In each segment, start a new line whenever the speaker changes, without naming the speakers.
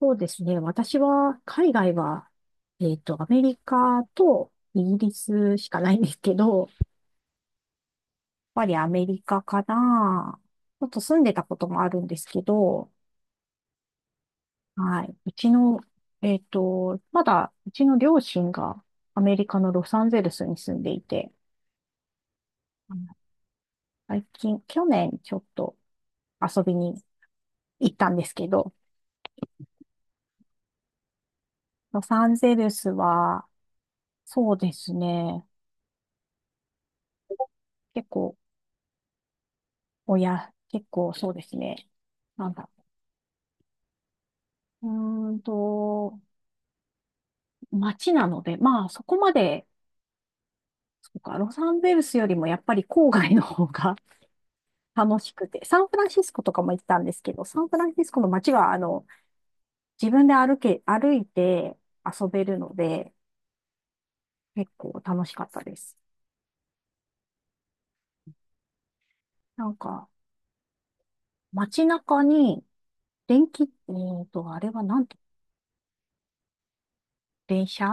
そうですね。私は、海外は、アメリカとイギリスしかないんですけど、やっぱりアメリカかな。ちょっと住んでたこともあるんですけど、はい。うちの、えっと、まだ、うちの両親がアメリカのロサンゼルスに住んでいて、うん。最近、去年ちょっと遊びに行ったんですけど、ロサンゼルスは、そうですね。結構、結構そうですね。なんだろう。うーんと、街なので、まあそこまで、そうか、ロサンゼルスよりもやっぱり郊外の方が 楽しくて、サンフランシスコとかも行ったんですけど、サンフランシスコの街は、自分で歩いて遊べるので、結構楽しかったです。なんか、街中に、電気、あれはなんて、電車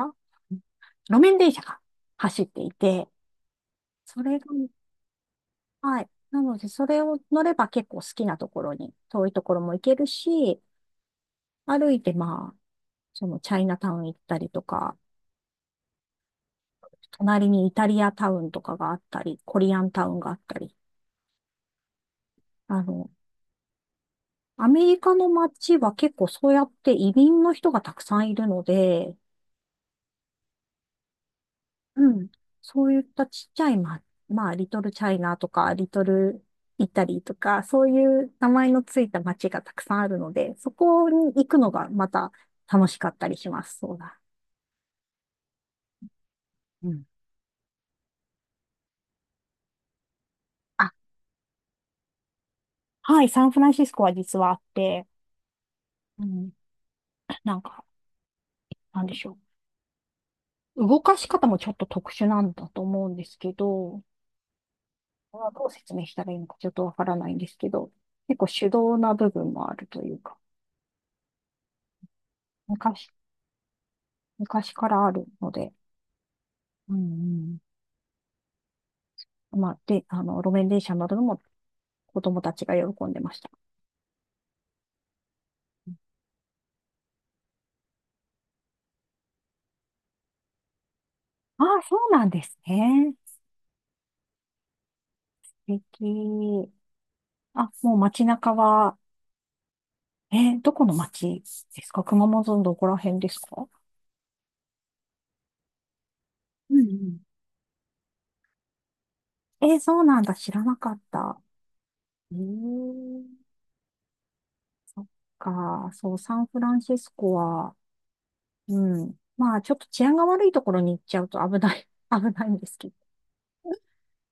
路面電車が走っていて、それが、はい。なので、それを乗れば結構好きなところに、遠いところも行けるし、歩いてまあ、そのチャイナタウン行ったりとか、隣にイタリアタウンとかがあったり、コリアンタウンがあったり、あの、アメリカの街は結構そうやって移民の人がたくさんいるので、うん。そういったちっちゃい、まあ、リトルチャイナとか、リトルイタリーとか、そういう名前のついた街がたくさんあるので、そこに行くのがまた楽しかったりします。そうだ。うん。あ、はい、サンフランシスコは実はあって、うん、なんか、なんでしょう。動かし方もちょっと特殊なんだと思うんですけど、これはどう説明したらいいのかちょっとわからないんですけど、結構手動な部分もあるというか、昔、昔からあるので、うんうん。まあ、で、路面電車に乗るのも子供たちが喜んでました。ああ、そうなんですね。素敵。あ、もう街中は、え、どこの街ですか？熊本のどこら辺ですか？うんうん。え、そうなんだ。知らなかった。うん。そっか。そう、サンフランシスコは、うん。まあ、ちょっと治安が悪いところに行っちゃうと危ない、危ないんですけ、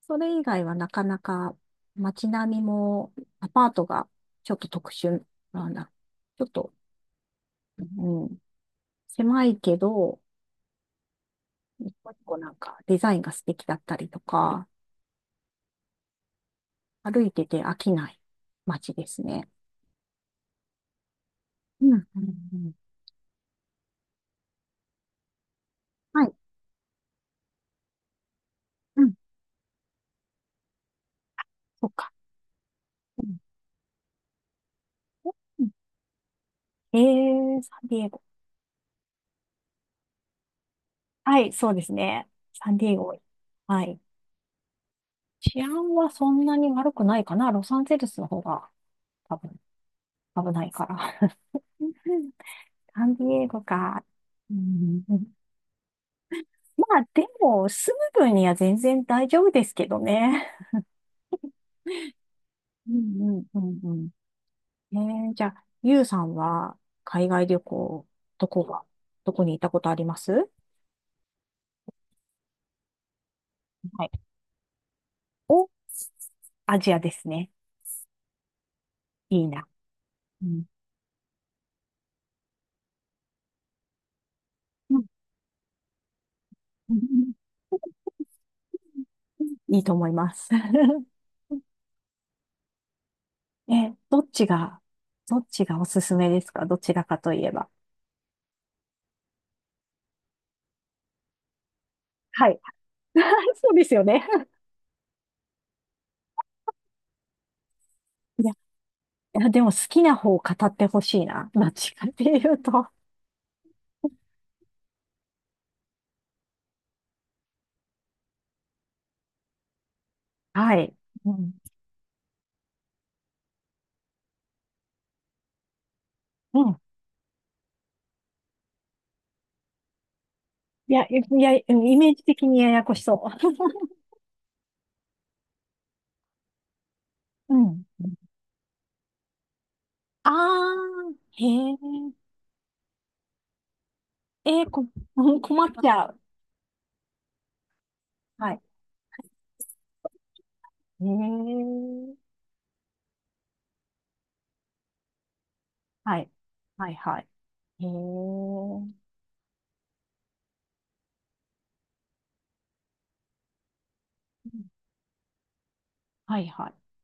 それ以外はなかなか街並みもアパートがちょっと特殊なんだ。ちょっと、うん、狭いけど、一個一個なんかデザインが素敵だったりとか、歩いてて飽きない街ですね。うん、うん、うん。はい、うん、そっか。うん。えサンディエゴ。はい、そうですね。サンディエゴ。はい。治安はそんなに悪くないかな。ロサンゼルスの方が多分危ないから。サンディエゴか。うん、まあ、でも、住む分には全然大丈夫ですけどね。うんうんうんうん。じゃあ、ゆうさんは海外旅行、どこが、どこに行ったことありますはい。お、アジアですね。いいな。うん。うん、いいと思います。え、どっちがおすすめですか？どちらかといえば。はい。そうですよね。いや、でも好きな方を語ってほしいな。どっちかっていうと。はい。うん。うん。いや、いや、イメージ的にややこしそう。うん。あー、へえ。えー、こ、うん、困っちゃう。はい。へえ。はい。はい、はい。へえ。うん。はい、はい。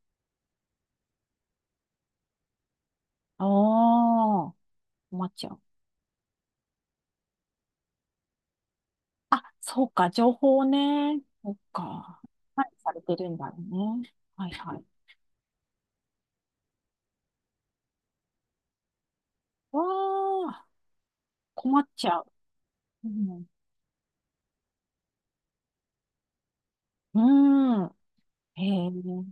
あー、困っちゃう。あ、そうか、情報ね。そうか。管理されてるんだよね。はい、はい。わー、困っちゃう。うん。うーん。へえ。う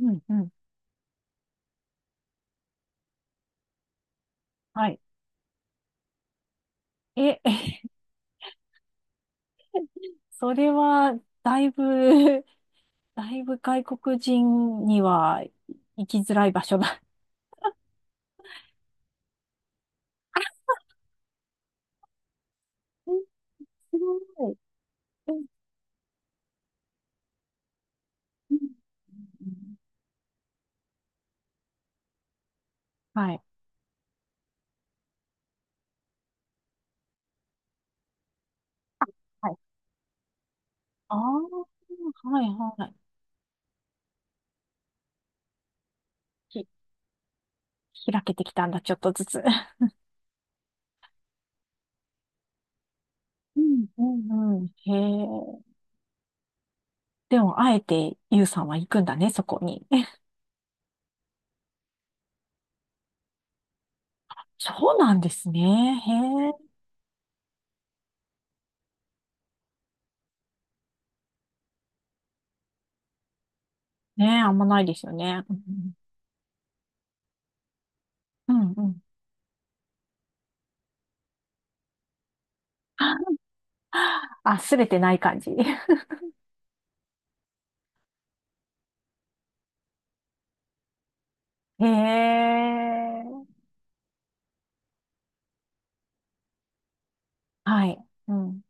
ん、うん。はい。え、それは、だいぶ、だいぶ外国人には行きづらい場所だ。え、すごい。うんうんうん。はい。あ、はい。ああ、はいはい。ひ、開けてきたんだ、ちょっとずつ。うん、うん、うん。へえ。でも、あえて、ゆうさんは行くんだね、そこに。そうなんですね。へえ。ねえ、あんまないですよね。うん、うん、うんうん。あ、すべてない感じ。へえ。はい。うん。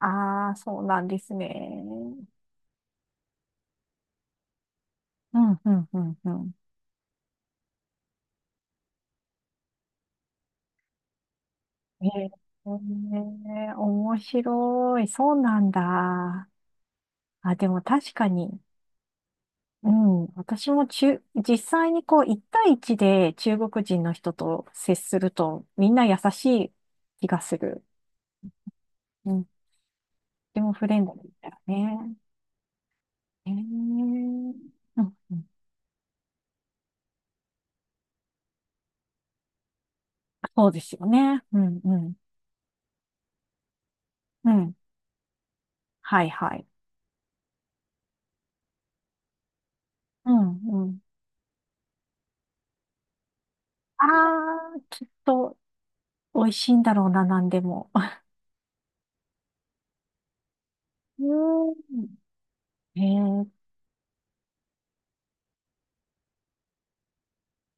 ああ、そうなんですね。うん、うん、うん、うん。へえ、面白い。そうなんだ。あ、でも確かに。うん。私も実際にこう、一対一で中国人の人と接すると、みんな優しい気がする。うん。とてもフレンドリーだよね。へえ。うん、うん。そうですよね。うん、うん。うん。はいはい。うんうん。ああ、きっと美味しいんだろうな、なんでも。うーん。へえ、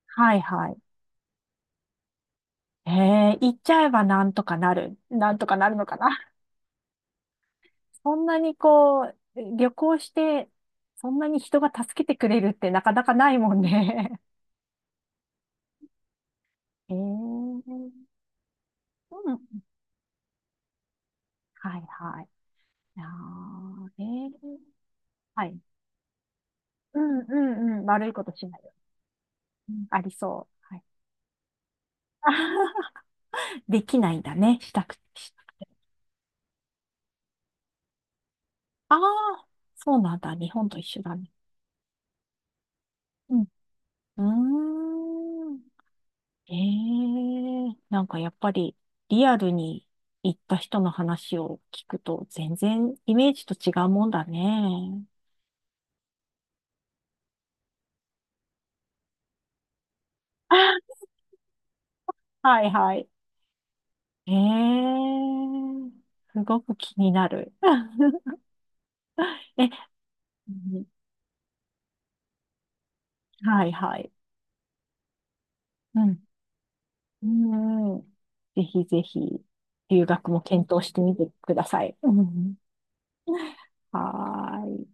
はいはい。へえ、行っちゃえばなんとかなる。なんとかなるのかな。そんなにこう、旅行して、そんなに人が助けてくれるってなかなかないもんね。へえ、うん。はいはい。あー、へえ、はい。うんうんうん。悪いことしないよ。うん、ありそう。はい。できないんだね。したく、しああ、そうなんだ。日本と一緒だね。うん。うーん。ええ、なんかやっぱりリアルに行った人の話を聞くと全然イメージと違うもんだね。はいはい。ええ、すごく気になる。え、うん。はいはい。うん。うん。ぜひぜひ、留学も検討してみてください。うん。はーい。